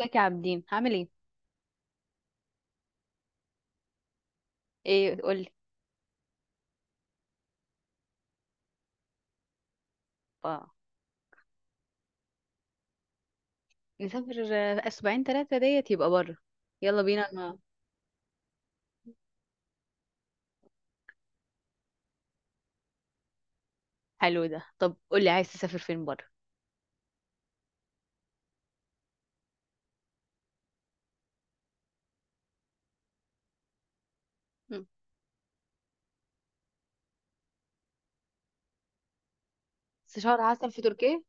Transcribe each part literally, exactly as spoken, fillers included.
ازيك يا عابدين؟ هعمل ايه؟ ايه قولي. اه، نسافر آه، اسبوعين ثلاثه ديت يبقى بره. يلا بينا انا. حلو ده. طب قولي، عايز تسافر فين بره؟ مم. بس شهر عسل في تركيا؟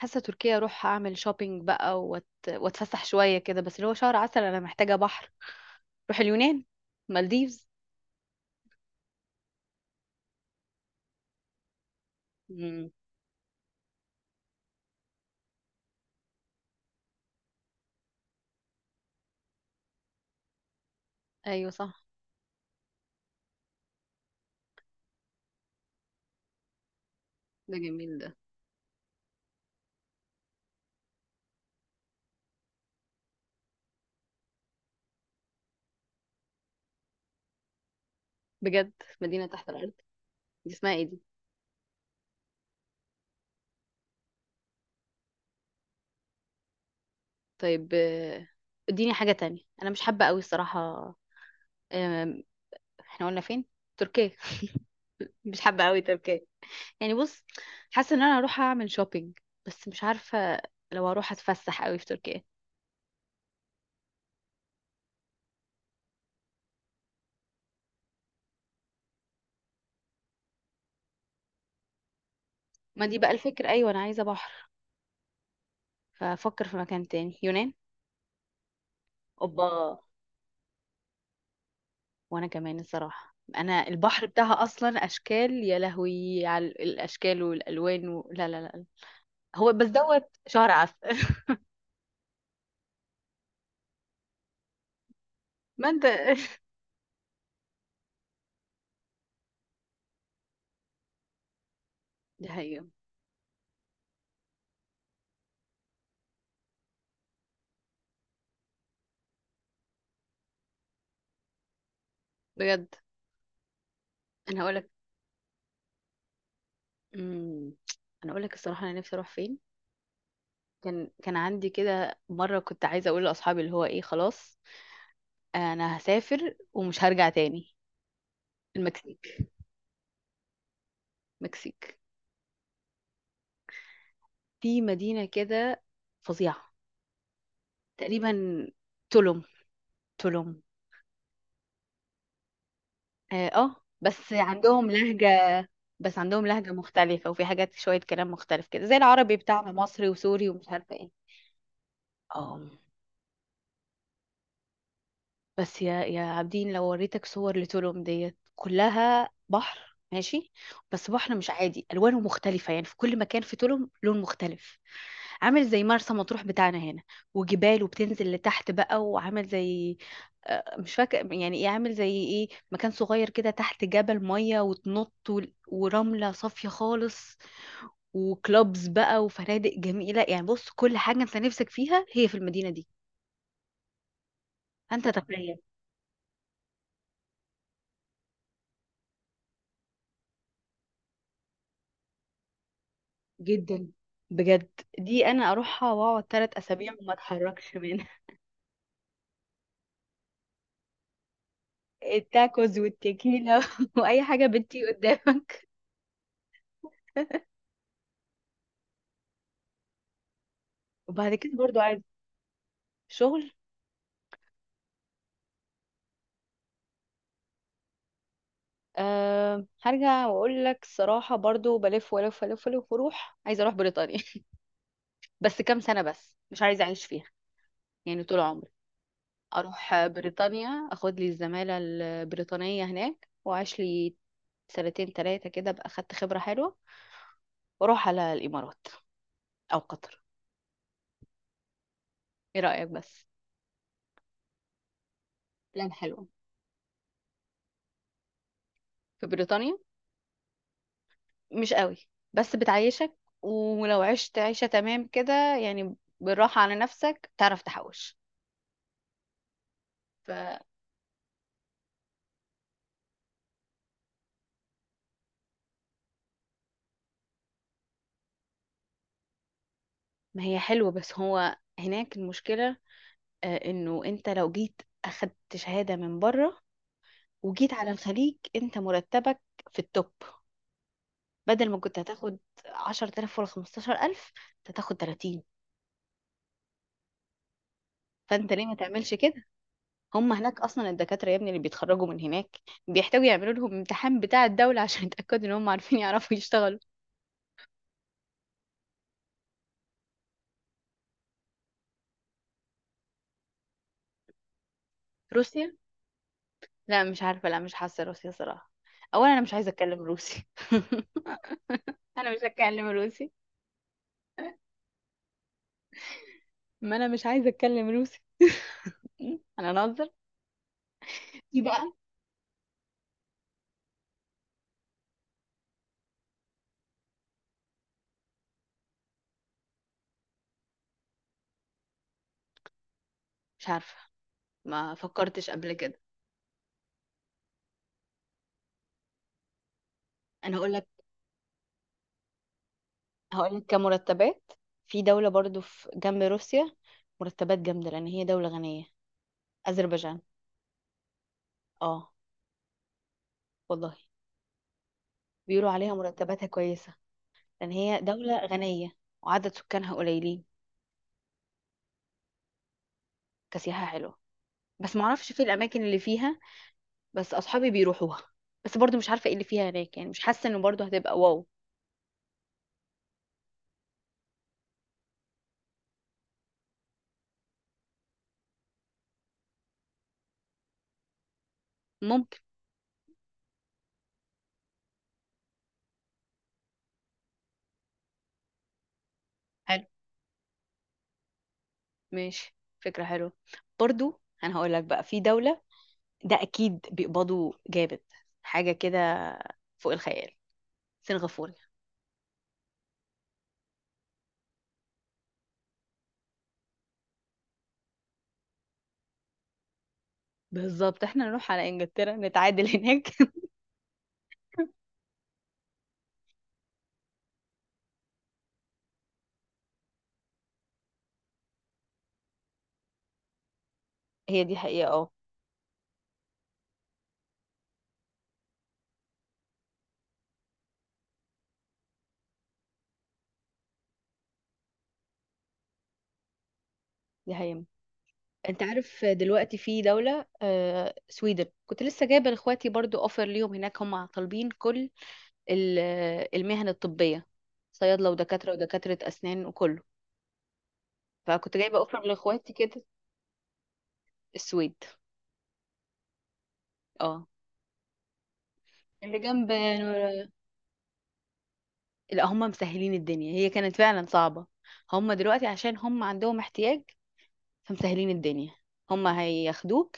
حاسه تركيا اروح اعمل شوبينج بقى وات... واتفسح شويه كده، بس اللي هو شهر عسل انا محتاجه بحر. روح اليونان، مالديفز. مم. ايوه صح. ده جميل ده. بجد؟ مدينه تحت الارض؟ دي اسمها ايه دي؟ طيب. آه، اديني حاجه تانية، انا مش حابه قوي الصراحه. آم، احنا قلنا فين؟ تركيا. مش حابة قوي تركيا. يعني بص، حاسة ان انا هروح اعمل شوبينج، بس مش عارفة لو هروح اتفسح قوي في تركيا. ما دي بقى الفكرة، ايوه انا عايزة بحر. فافكر في مكان تاني، يونان. اوبا. وانا كمان الصراحة انا البحر بتاعها اصلا اشكال، يا لهوي على الاشكال والالوان و... لا لا لا هو بس دوت شهر عسل. ما انت، ده هي. بجد. انا هقولك. امم، انا هقولك الصراحة انا نفسي اروح فين. كان كان عندي كده مرة كنت عايزة أقول لأصحابي اللي هو إيه، خلاص انا هسافر ومش هرجع تاني. المكسيك. مكسيك. في مدينة كده فظيعة تقريبا، تولوم. تولوم. اه، آه، بس عندهم لهجة. بس عندهم لهجة مختلفة، وفي حاجات شوية كلام مختلف كده، زي العربي بتاعنا مصري وسوري ومش عارفة ايه. اه. بس يا يا عابدين، لو وريتك صور لتولوم ديت كلها بحر ماشي، بس بحر مش عادي، الوانه مختلفه يعني، في كل مكان في تولوم لون مختلف. عامل زي مرسى مطروح بتاعنا هنا. وجبال، وبتنزل لتحت بقى، وعامل زي، آه، مش فاكر يعني ايه، عامل زي ايه، مكان صغير كده تحت جبل، ميه وتنط وال- ورمله صافيه خالص، وكلوبز بقى، وفنادق جميله. يعني بص، كل حاجه انت نفسك فيها هي في المدينه دي. انت تخيل. جدا. بجد. دي انا اروحها واقعد ثلاث اسابيع وما اتحركش منها. التاكوز والتيكيلا واي حاجه بنتي قدامك. وبعد كده برضو عايز؟ شغل. أه هرجع واقول لك الصراحه، برضو بلف ولف ولف ولف واروح، عايزه اروح بريطانيا. بس كام سنه، بس مش عايزه اعيش فيها يعني طول عمري. اروح بريطانيا، اخد لي الزماله البريطانيه هناك، واعيش لي سنتين ثلاثه كده، ابقى اخدت خبره حلوه. واروح على الامارات او قطر. ايه رايك بس؟ بلاد حلوة. في بريطانيا؟ مش قوي، بس بتعيشك. ولو عشت عيشة تمام كده يعني، بالراحة على نفسك، تعرف تحوش. فما. هي حلوة، بس هو هناك المشكلة، آه، انه انت لو جيت اخدت شهادة من بره وجيت على الخليج، انت مرتبك في التوب. بدل ما كنت هتاخد عشر تلاف ولا خمستاشر الف، انت هتاخد ثلاثين. فانت ليه ما تعملش كده؟ هم هناك اصلا الدكاتره يا ابني اللي بيتخرجوا من هناك بيحتاجوا يعملوا لهم امتحان بتاع الدوله عشان يتاكدوا ان هم عارفين يعرفوا يشتغلوا. روسيا؟ لا مش عارفه، لا مش حاسه روسيا صراحه. اولا انا مش عايزه اتكلم روسي. انا مش هتكلم روسي. ما انا مش عايزه اتكلم روسي. م? انا انظر. دي بقى مش عارفه، ما فكرتش قبل كده. انا هقول لك، هقول لك كمرتبات، في دوله برضو في جنب روسيا، مرتبات جامده لان هي دوله غنيه. اذربيجان. اه، والله بيقولوا عليها مرتباتها كويسه، لان هي دولة غنية وعدد سكانها قليلين. كسياحة حلوة، بس معرفش في الاماكن اللي فيها. بس اصحابي بيروحوها. بس برضو مش عارفة ايه اللي فيها هناك يعني، مش حاسة انه برضو هتبقى واو. ممكن. حلو، ماشي، فكرة حلوة. برضو انا هقول لك بقى، في دولة ده اكيد بيقبضوا جامد، حاجة كده فوق الخيال، سنغافورة. بالظبط، احنا نروح على انجلترا نتعادل هناك. هي دي حقيقة اه. دي حقيقة. انت عارف دلوقتي في دولة، آه، سويدن، كنت لسه جايبة لاخواتي برضو اوفر ليهم هناك، هم طالبين كل ال- المهن الطبية، صيادلة ودكاترة ودكاترة اسنان وكله. فكنت جايبة اوفر لاخواتي كده. السويد. اه. اللي جنب نور- لا هم مسهلين الدنيا، هي كانت فعلا صعبة، هم دلوقتي عشان هم عندهم احتياج فمسهلين الدنيا، هم هياخدوه،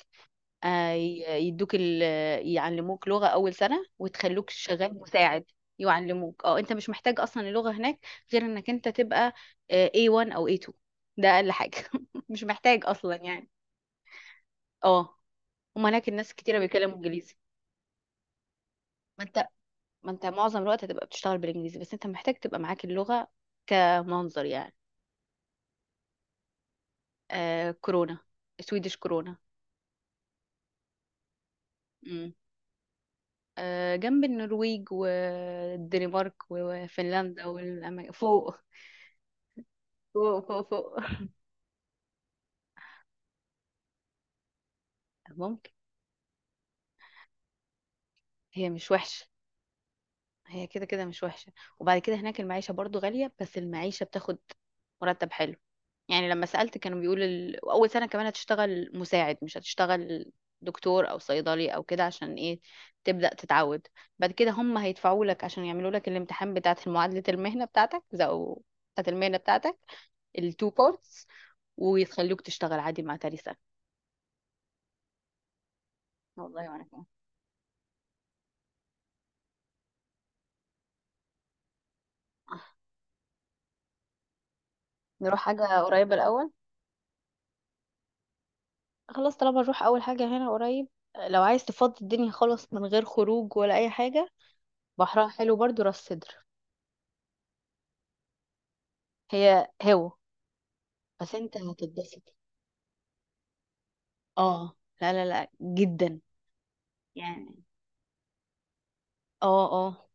آه، ي- يدوك ال... يعلموك لغة أول سنة وتخلوك شغال مساعد. يعلموك اه، انت مش محتاج اصلا اللغة هناك، غير انك انت تبقى آه، ايه وان او ايه تو، ده اقل حاجة. مش محتاج اصلا يعني. اه، هما هناك الناس كتيرة بيتكلموا انجليزي. ما انت ما انت معظم الوقت هتبقى بتشتغل بالانجليزي، بس انت محتاج تبقى معاك اللغة كمنظر يعني. آه كورونا. سويدش كورونا. امم. آه جنب النرويج والدنمارك وفنلندا والأماكن فوق. فوق فوق فوق ممكن. هي مش وحشة. هي كده كده مش وحشة. وبعد كده هناك المعيشة برضو غالية، بس المعيشة بتاخد مرتب حلو. يعني لما سألت كانوا بيقولوا ال... أول سنة كمان هتشتغل مساعد، مش هتشتغل دكتور أو صيدلي أو كده. عشان إيه؟ تبدأ تتعود. بعد كده هم هيدفعوا لك عشان يعملوا لك الامتحان بتاعة معادلة المهنة بتاعتك، أو بتاعة المهنة بتاعتك التو بارتس، ويخلوك تشتغل عادي مع تاني سنة. والله وأنا كمان. آه. نروح حاجة قريبة الأول. خلاص، طالما نروح اول حاجه هنا قريب، لو عايز تفضي الدنيا خالص من غير خروج ولا اي حاجه، بحرها حلو برضو، راس سدر. هي هو. بس انت هتتبسط، اه، لا لا لا جدا يعني. اه اه.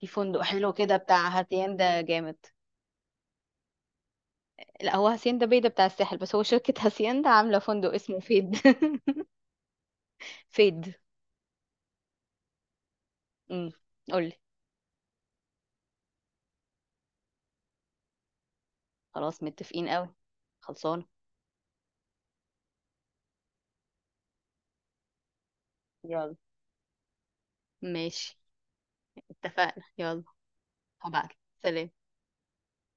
في فندق حلو كده بتاع هاسيندا جامد. لا هو هاسيندا بيدا بتاع الساحل، بس هو شركه هاسيندا عامله فندق اسمه فيد. فيد. امم. قولي. خلاص، متفقين قوي. خلصانه. يلا، ماشي، اتفقنا، يلا. هبعت. سلام.